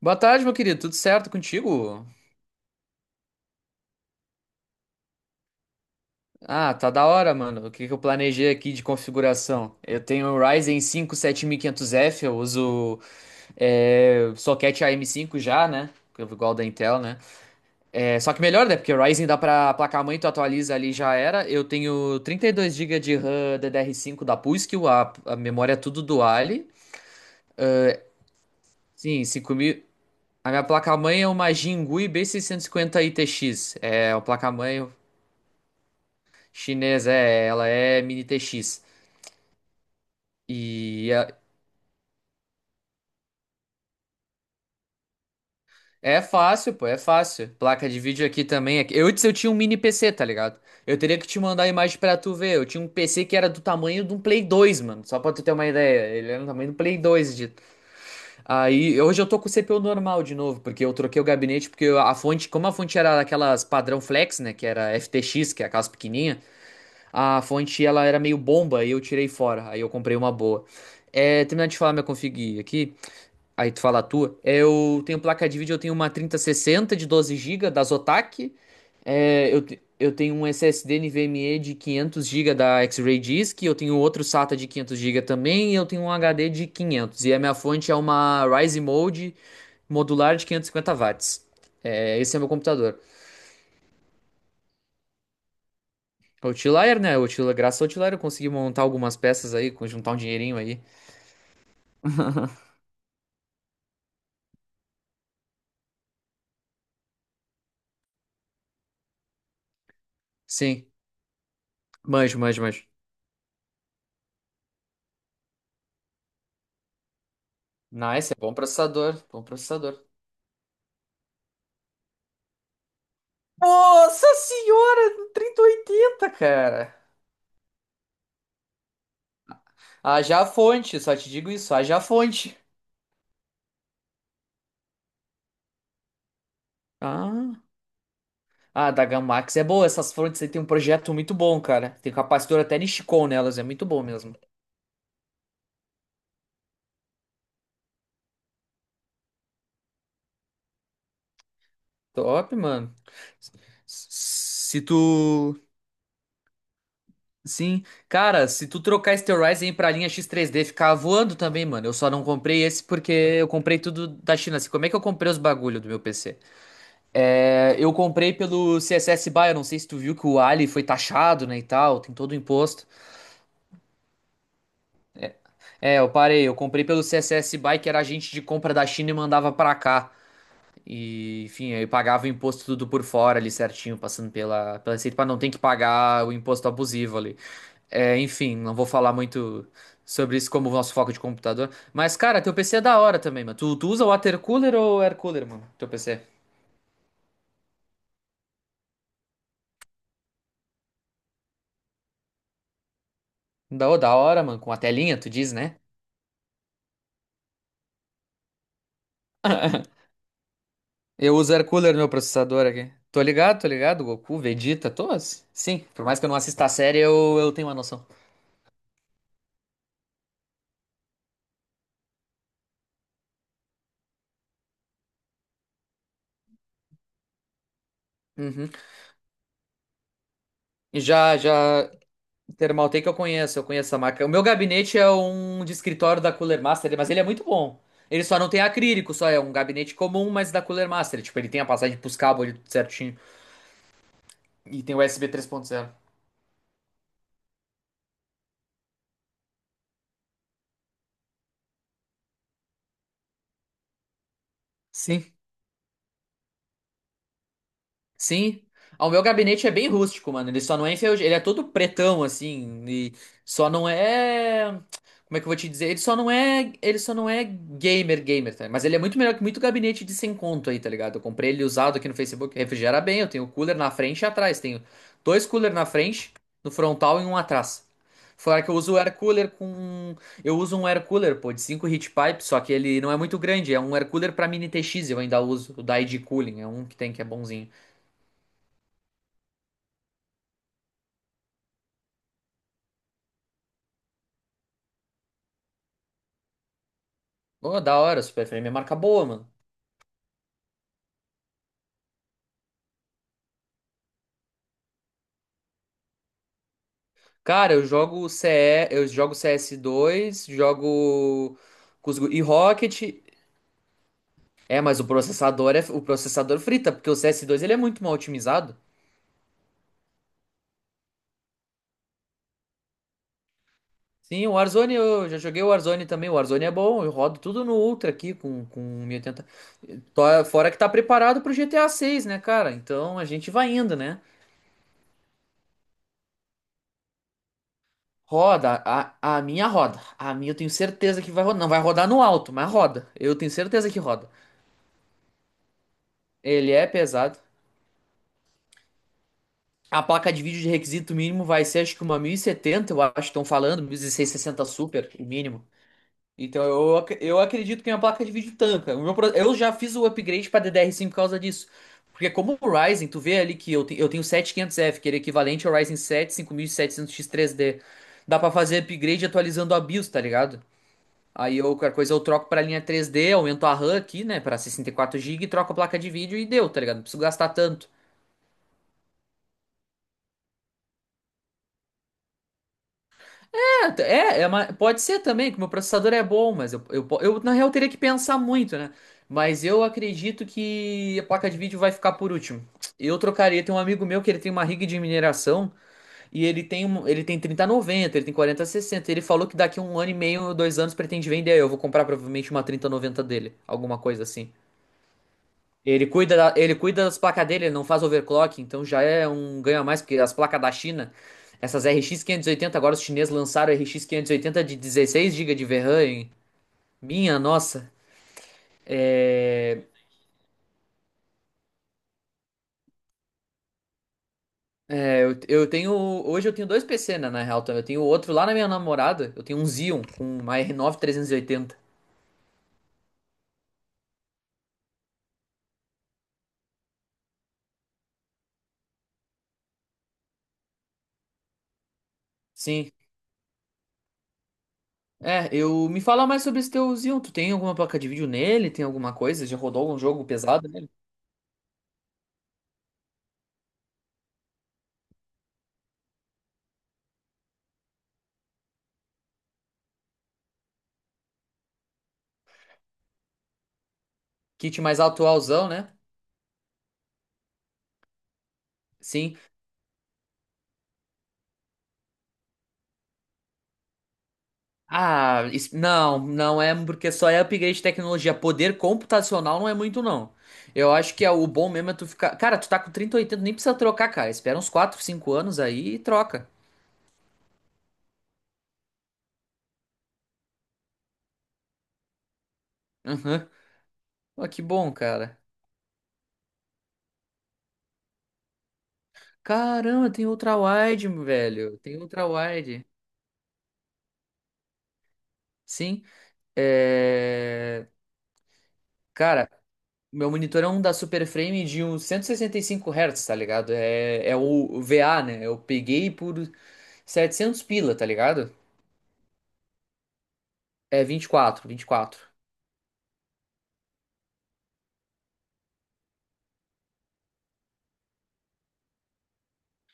Boa tarde, meu querido. Tudo certo contigo? Ah, tá da hora, mano. O que que eu planejei aqui de configuração? Eu tenho o Ryzen 5 7500F, eu uso soquete AM5 já, né? Que é igual da Intel, né? É, só que melhor, né? Porque o Ryzen dá pra placa-mãe, tu atualiza ali já era. Eu tenho 32 GB de RAM DDR5 da PUSC, a memória é tudo Duale. Sim, 5000. A minha placa-mãe é uma Jinguei B650 ITX. É, a placa-mãe. Chinesa, é, ela é mini TX. E é, é fácil, pô, é fácil. Placa de vídeo aqui também. Eu antes eu tinha um mini PC, tá ligado? Eu teria que te mandar a imagem pra tu ver. Eu tinha um PC que era do tamanho de um Play 2, mano. Só pra tu ter uma ideia. Ele era do tamanho do Play 2. Aí, hoje eu tô com o CPU normal de novo, porque eu troquei o gabinete, porque a fonte, como a fonte era daquelas padrão flex, né, que era FTX, que é aquelas pequenininha, a fonte ela era meio bomba e eu tirei fora. Aí eu comprei uma boa. É, terminar de falar minha config aqui. Aí tu fala a tua. É, eu tenho placa de vídeo, eu tenho uma 3060 de 12 GB da Zotac. Eu tenho um SSD NVMe de 500 GB da X-Ray Disk. Eu tenho outro SATA de 500 GB também. E eu tenho um HD de 500. E a minha fonte é uma Rise Mode modular de 550 watts. É, esse é meu computador. A Outlier, né? O Outlier, graças ao Outlier eu consegui montar algumas peças aí, juntar um dinheirinho aí. Sim, manjo, manjo, manjo. Nice, é bom processador, bom processador. Nossa senhora, trinta e oitenta, cara. Haja fonte, só te digo isso, haja fonte. Ah, da Gamax é boa, essas fontes aí tem um projeto muito bom, cara. Tem um capacitor até Nishikon nelas, é muito bom mesmo. Top, mano. Se tu. Sim, cara, se tu trocar esse teu Ryzen pra linha X3D, ficar voando também, mano. Eu só não comprei esse porque eu comprei tudo da China. Assim, como é que eu comprei os bagulho do meu PC? É, eu comprei pelo CSS BY, eu não sei se tu viu que o Ali foi taxado, né, e tal, tem todo o imposto. É, eu parei, eu comprei pelo CSS BY, que era agente de compra da China e mandava pra cá. E, enfim, aí pagava o imposto tudo por fora ali certinho, passando pela, pela receita, pra não ter que pagar o imposto abusivo ali. É, enfim, não vou falar muito sobre isso como o nosso foco de computador. Mas, cara, teu PC é da hora também, mano. Tu usa water cooler ou air cooler, mano? Teu PC? Da hora, mano, com a telinha, tu diz, né? Eu uso air cooler no meu processador aqui. Tô ligado, tô ligado. Goku, Vegeta, todos? Sim, por mais que eu não assista a série, eu tenho uma noção. Uhum. E já, já, Thermaltake eu conheço, essa marca. O meu gabinete é um de escritório da Cooler Master, mas ele é muito bom. Ele só não tem acrílico, só é um gabinete comum, mas da Cooler Master. Tipo, ele tem a passagem pros cabos ali tudo certinho. E tem o U S B três ponto zero. Sim. Sim. Ah, o meu gabinete é bem rústico, mano. Ele só não é enferrujado. Ele é todo pretão, assim. E só não é. Como é que eu vou te dizer? Ele só não é. Ele só não é gamer, gamer, tá? Mas ele é muito melhor que muito gabinete de 100 conto aí, tá ligado? Eu comprei ele usado aqui no Facebook. Refrigera bem. Eu tenho cooler na frente e atrás. Tenho dois cooler na frente, no frontal e um atrás. Fora que eu uso o air cooler com. Eu uso um air cooler, pô, de 5 heat pipe, só que ele não é muito grande. É um air cooler pra mini TX, eu ainda uso. O da ID Cooling. É um que tem que é bonzinho. Ô, da hora, Super Frame é marca boa, mano. Cara, eu jogo CS2, jogo e Rocket. É, mas o processador é o processador frita, porque o C S dois ele é muito mal otimizado. Sim, o Warzone, eu já joguei o Warzone também. O Warzone é bom, eu rodo tudo no Ultra aqui com 1080. Fora que tá preparado pro G T A seis, né, cara? Então a gente vai indo, né? Roda, a minha roda. A minha eu tenho certeza que vai rodar. Não vai rodar no alto, mas roda. Eu tenho certeza que roda. Ele é pesado. A placa de vídeo de requisito mínimo vai ser acho que uma 1070, eu acho que estão falando, 1660 Super, o mínimo. Então eu acredito que minha placa de vídeo tanca. O meu pro- eu já fiz o upgrade para DDR5 por causa disso. Porque como o Ryzen, tu vê ali que eu tenho 7500F, que ele é equivalente ao Ryzen 7 5700X 3D. Dá para fazer upgrade atualizando a BIOS, tá ligado? Aí eu, qualquer coisa eu troco pra linha 3D, aumento a RAM aqui, né, pra 64 GB, troco a placa de vídeo e deu, tá ligado? Não preciso gastar tanto. É, é uma- pode ser também, que o meu processador é bom, mas na real teria que pensar muito, né? Mas eu acredito que a placa de vídeo vai ficar por último. Eu trocaria, tem um amigo meu que ele tem uma rig de mineração e ele tem 3090, ele tem 4060. Ele falou que daqui a um ano e meio, dois anos, pretende vender. Eu vou comprar provavelmente uma 3090 dele, alguma coisa assim. Ele cuida das placas dele, ele não faz overclock, então já é um ganho a mais, porque as placas da China, essas RX 580, agora os chineses lançaram a RX 580 de 16 GB de VRAM, hein? Minha nossa. É, eu tenho. Hoje eu tenho dois PC, né, na real, também. Eu tenho outro lá na minha namorada, eu tenho um Xeon com uma R9 380. Sim. Eu me fala mais sobre esse teu Xeon. Tu tem alguma placa de vídeo nele? Tem alguma coisa? Já rodou algum jogo pesado nele? Kit mais atualzão, né? Sim. Ah, não, não é porque só é upgrade de tecnologia. Poder computacional não é muito, não. Eu acho que é o bom mesmo é tu ficar. Cara, tu tá com 3080, nem precisa trocar, cara. Espera uns quatro, cinco anos aí e troca. Aham. Ó, que bom, cara. Caramba, tem ultra-wide, meu velho. Tem ultra-wide. Sim. É. Cara, meu monitor é um da Super Frame de uns 165 Hz, tá ligado? É, é o VA, né? Eu peguei por 700 pila, tá ligado? É vinte 24, 24.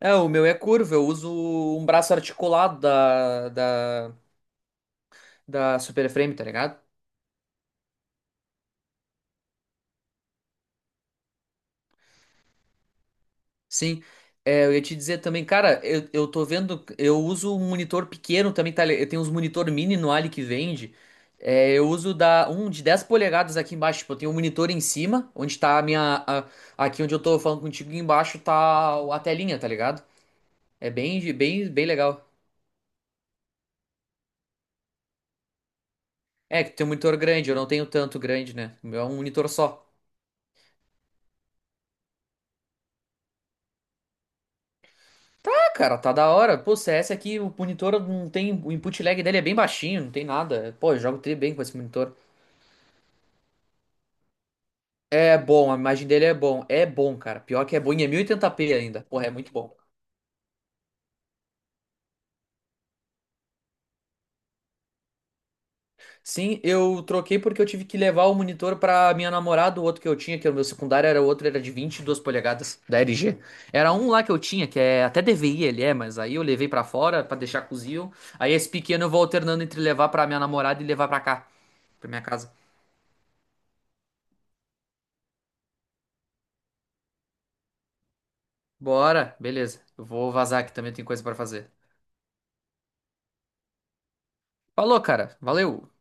É, o meu é curvo, eu uso um braço articulado da Super Frame, tá ligado? Sim. É, eu ia te dizer também, cara, eu tô vendo, eu uso um monitor pequeno também, tá? Eu tenho uns monitor mini no Ali que vende. É, eu uso da, um de 10 polegadas aqui embaixo, tipo, eu tenho um monitor em cima, onde tá a minha, aqui onde eu tô falando contigo, embaixo tá a telinha, tá ligado? É bem, bem, bem legal. É, que tem um monitor grande, eu não tenho tanto grande, né? O meu é um monitor só. Cara, tá da hora. Pô, CS aqui, o monitor não tem. O input lag dele é bem baixinho, não tem nada. Pô, eu jogo tri bem com esse monitor. É bom, a imagem dele é bom. É bom, cara. Pior que é bom. E é 1080p ainda. Porra, é muito bom. Sim, eu troquei porque eu tive que levar o monitor pra minha namorada, o outro que eu tinha, que era o meu secundário, era o outro, era de 22 polegadas, da LG. Era um lá que eu tinha, que é até DVI ele é, mas aí eu levei pra fora pra deixar cozido. Aí esse pequeno eu vou alternando entre levar pra minha namorada e levar pra cá, pra minha casa. Bora, beleza. Eu vou vazar aqui também, tem coisa pra fazer. Falou, cara. Valeu.